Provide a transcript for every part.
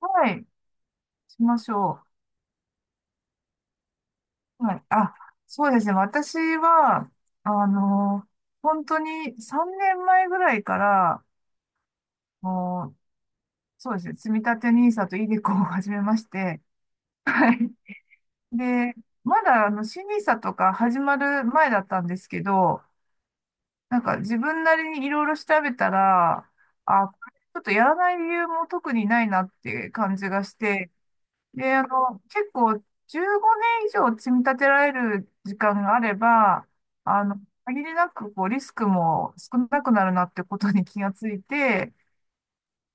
はい、しましょう。はい。あ、そうですね。私は、あの、本当に3年前ぐらいから、もう、そうですね。積み立てニーサとイデコを始めまして、はい。で、まだ、新 n i s とか始まる前だったんですけど、なんか自分なりにいろいろ調べたら、あ、これちょっとやらない理由も特にないなっていう感じがして、で、結構15年以上積み立てられる時間があれば、あの、限りなくこうリスクも少なくなるなってことに気がついて、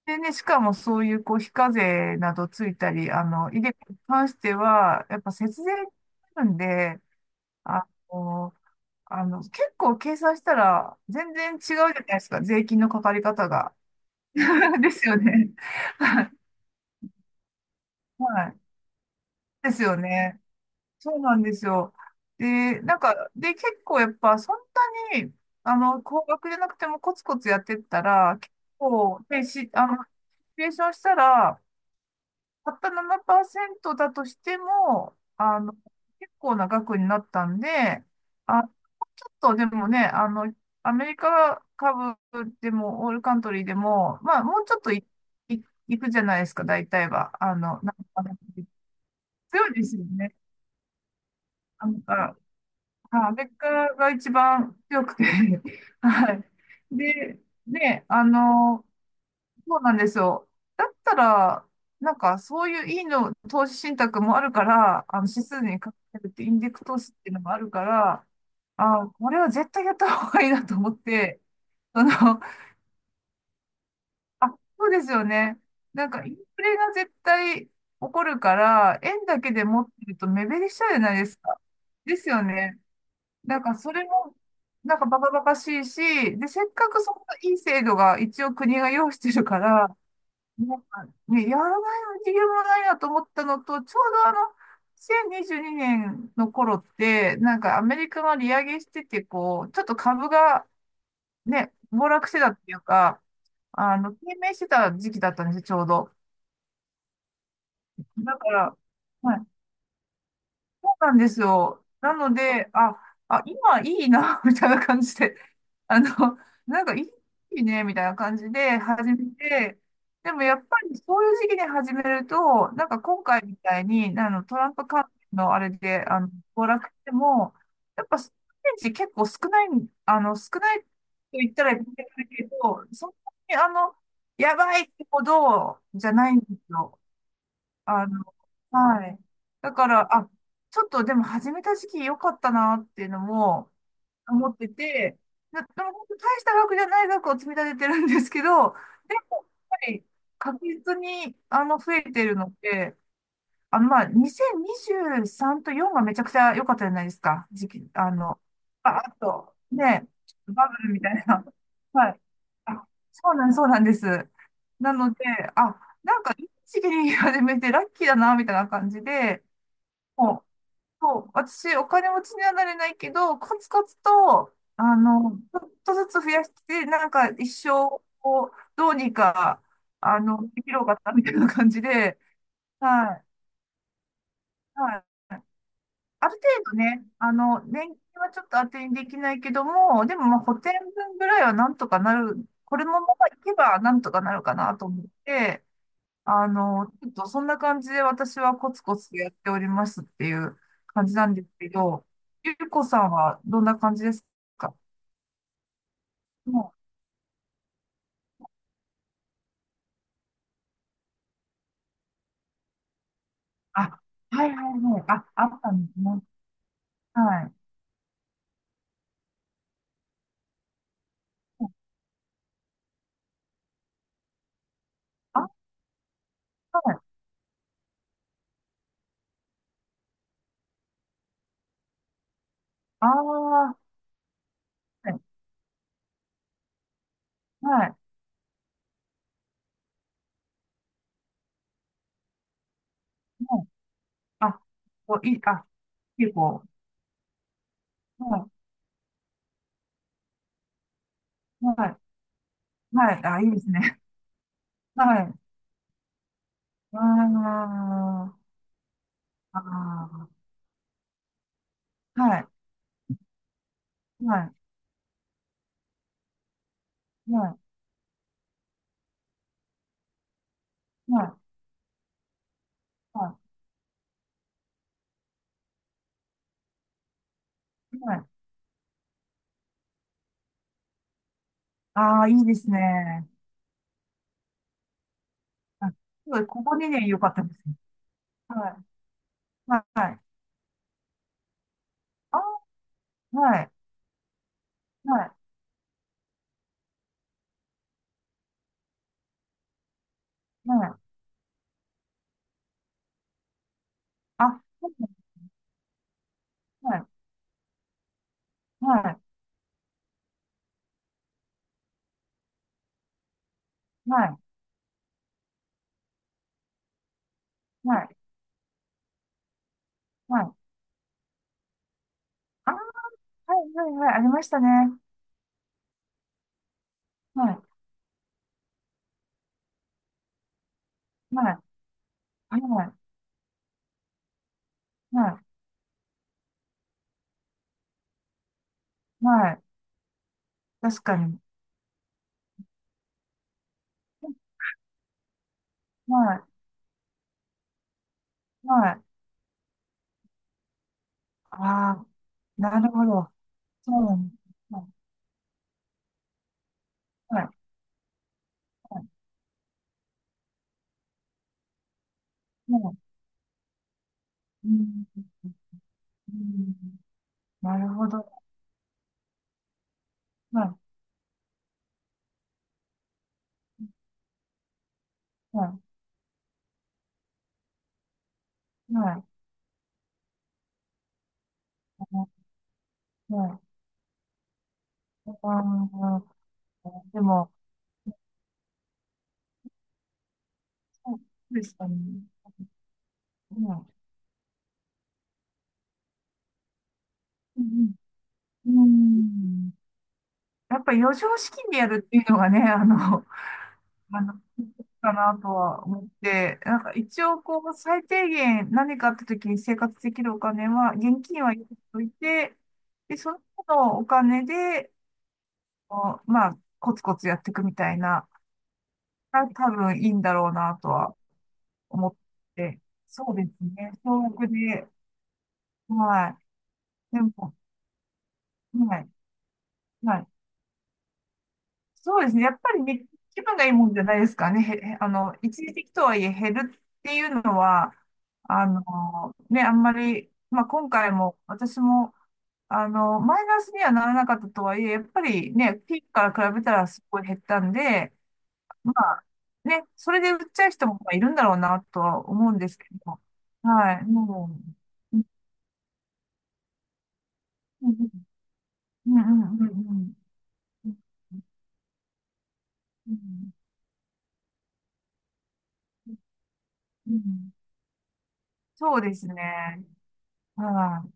でね、しかもそういうこう非課税などついたり、イデコに関しては、やっぱ節税になるんで、あの、結構計算したら全然違うじゃないですか、税金のかかり方が。ですよね。はい。ですよね。そうなんですよ。で、なんか、結構やっぱそんなに、高額でなくてもコツコツやってったら、結構、で、し、あの、シミュレーションしたら、たった7%だとしても、結構な額になったんで、あ、ちょっとでもね、アメリカ株でも、オールカントリーでも、まあ、もうちょっとい、いくじゃないですか、大体は。なんか強いですよね。なんかアメリカが一番強くて はい。で、ね、そうなんですよ。だったら、なんかそういういいの、投資信託もあるから、あの指数にかけるってインデックス投資っていうのもあるから、あ、これは絶対やった方がいいなと思って、その、あ、そうですよね。なんかインフレが絶対起こるから、円だけで持ってると目減りしちゃうじゃないですか。ですよね。なんからそれも、なんかバカバカしいし、で、せっかくそこのいい制度が一応国が用意してるから、なんかね、やらないの理由もないなと思ったのと、ちょうど2022年の頃って、なんかアメリカが利上げしてて、こう、ちょっと株がね、暴落してたっていうか、低迷してた時期だったんですよ、ちょうど。だから、はい、そうなんですよ。なので、あ、今いいな、みたいな感じで。あの、なんかいいね、みたいな感じで始めて、でもやっぱりそういう時期に始めると、なんか今回みたいに、トランプ関連のあれで、暴落しても、やっぱステージ結構少ない、少ないと言ったらいけないけど、そんなにやばいってほどじゃないんですよ。あの、はい。だから、あ、ちょっとでも始めた時期良かったなっていうのも、思ってて、でも本当大した額じゃない額を積み立ててるんですけど、でも、やっぱり確実に増えてるので、まあ2023と4がめちゃくちゃ良かったじゃないですか、時期、あ、あと、ね、バブルみたいな。はい。あ、そうなんです。なので、あ、なんかいい時期に始めてラッキーだな、みたいな感じで、そう、私、お金持ちにはなれないけど、コツコツと、ちょっとずつ増やして、なんか一生をどうにか、生きろうかな、みたいな感じで、はい、はい。ある程度ね、年金はちょっと当てにできないけども、でもまあ補填分ぐらいはなんとかなる、これもまあいけばなんとかなるかなと思って、ちょっとそんな感じで私はコツコツとやっておりますっていう感じなんですけど、ゆうこさんはどんな感じですかもう、あ、はいはいはい。あ、あったんですね。はい。あ、はい。ああ、はい。はい。はいあ、こういい、あ、結構。はい。はい。はい。あ、いいですね。はい。ああ、ああ、はい。はい。はい。はい。はい。はい。ああ、いいですね。あ、すごい、ここに良かったですね。はい。はい。はい。あ、はい。はい。はい。あ、はい。はい。はい。はい。はい。あ、はい。はい。はい。ありましたね。はい。はい。はい。はい。はい。確かに。はい。はい。ああ、なるほど。そうなんです。はい。はい。はい。はい。うん。うん。なるほど。はい。はい。はい。はい。はい。ああ、でも、そうですかね。うん、うん、やっぱ余剰資金でやるっていうのがね、あの、かなとは思って、なんか一応こう、最低限何かあった時に生活できるお金は、現金は用意ておいて、で、その他のお金で、こうまあ、コツコツやっていくみたいな、が多分いいんだろうなとは思って、そうですね、総額で、はい。でも、はい。はい、そうですね。やっぱりね、気分がいいもんじゃないですかね。一時的とはいえ減るっていうのは、あの、ね、あんまり、まあ今回も私も、マイナスにはならなかったとはいえ、やっぱりね、ピークから比べたらすごい減ったんで、まあね、それで売っちゃう人もいるんだろうなとは思うんですけど、はい、もう、うん、うん、うん、うん、うん、うん、うん、うん、そうですね。はい。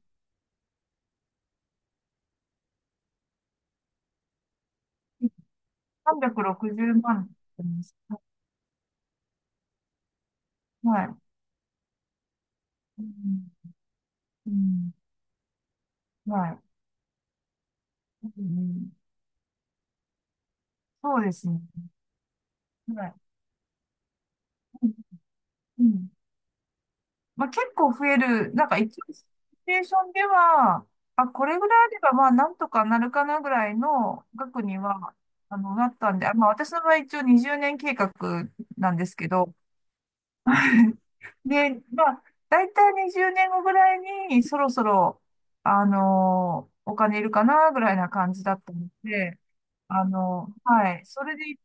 360万って言ってます。はい。うん。うん。はい。うん。そうですね。はい。うん。うん。まあ、結構増える。なんか一応、シチュエーションでは、あ、これぐらいあれば、まあ、なんとかなるかなぐらいの額には、なったんで、あ、まあ、私の場合一応20年計画なんですけど、で、まあ、だいたい20年後ぐらいに、そろそろ、あのーお金いるかな、ぐらいな感じだったので、はい。それでいっ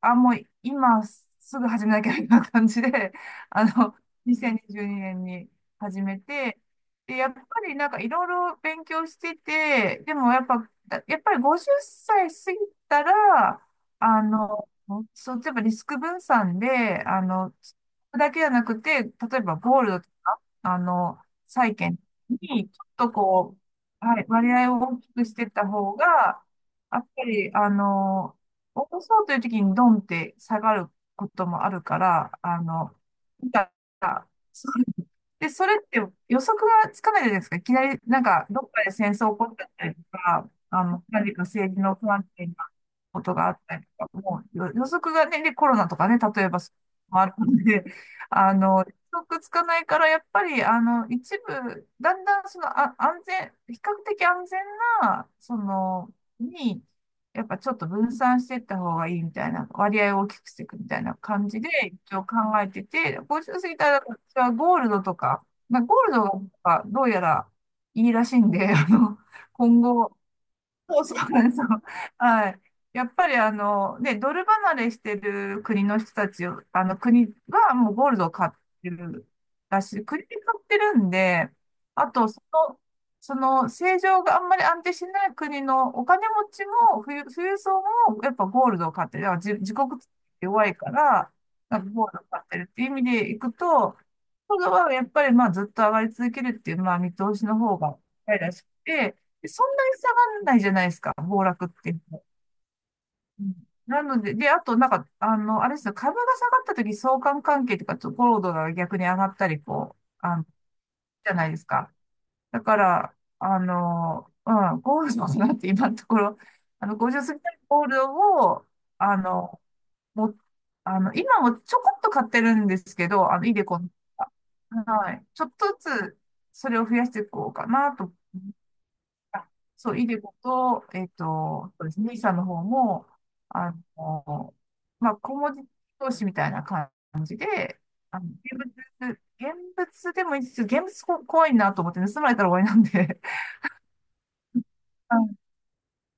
あ、もう今すぐ始めなきゃみたいな感じで、あの、2022年にじゅうにねんに始めて、で、やっぱりなんかいろいろ勉強してて、でもやっぱ、だやっぱり50歳過ぎたら、あの、そう、例えばリスク分散で、だけじゃなくて、例えばゴールドとか、債券に、ちょっとこう、はい、割合を大きくしてった方が、やっぱり、落とそうという時にドンって下がることもあるから、なんか、で、それって予測がつかないじゃないですか。いきなり、なんか、どっかで戦争起こっちゃったりとか、何か政治の不安定なことがあったりとか、もう予測がね、で、コロナとかね、例えばそういうのもあるので、予測つかないから、やっぱり、一部、だんだんその、比較的安全な、その、に、やっぱちょっと分散していった方がいいみたいな、割合を大きくしていくみたいな感じで、一応考えてて、50過ぎたらはゴールドとか、まあ、ゴールドがどうやらいいらしいんで、今後、そうそうなんですよ。はい。やっぱりね、ドル離れしてる国の人たちを、あの国はもうゴールドを買ってるらしい。国で買ってるんで、あと、その、政情があんまり安定しない国のお金持ちも、富裕層もやっぱゴールドを買ってる。だから自国弱いから、なんかゴールドを買ってるっていう意味でいくと、ゴールドはやっぱりまあずっと上がり続けるっていう、まあ見通しの方が、らしくて、そんなに下がんないじゃないですか、暴落っていうの、うんなので、で、あと、なんか、あれですよ、株が下がった時相関関係とか、ちょっとゴールドが逆に上がったり、こう、あの、じゃないですか。だから、ゴールドなんて今のところ、50過ぎたゴールドを、あの、も、あの、今もちょこっと買ってるんですけど、イデコンとか。はい。ちょっとずつ、それを増やしていこうかなと、あそう、イデコと、そうですね、さんの方も、あの、まあ、小文字投資みたいな感じで、あの、現現物でもいいんですけど、現物こ怖いなと思ってね盗まれたら終わりなんで、あ、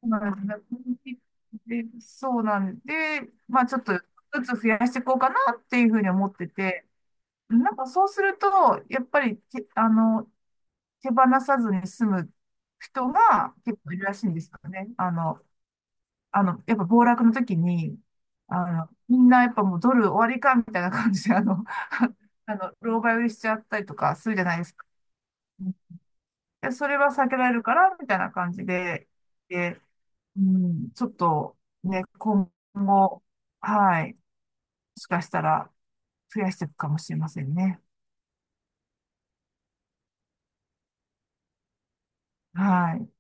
そうなんですね。で、そうなんで、まあ、ちょっとずつ増やしていこうかなっていうふうに思ってて、なんかそうすると、やっぱりて、手放さずに済む人が結構いるらしいんですよね。やっぱ暴落の時に、みんなやっぱもうドル終わりかみたいな感じで、狼狽売りしちゃったりとかするじゃないですか。いや、それは避けられるから、みたいな感じで、で、うん、ちょっとね、今後、はい、もしかしたら増やしていくかもしれませんね。はい。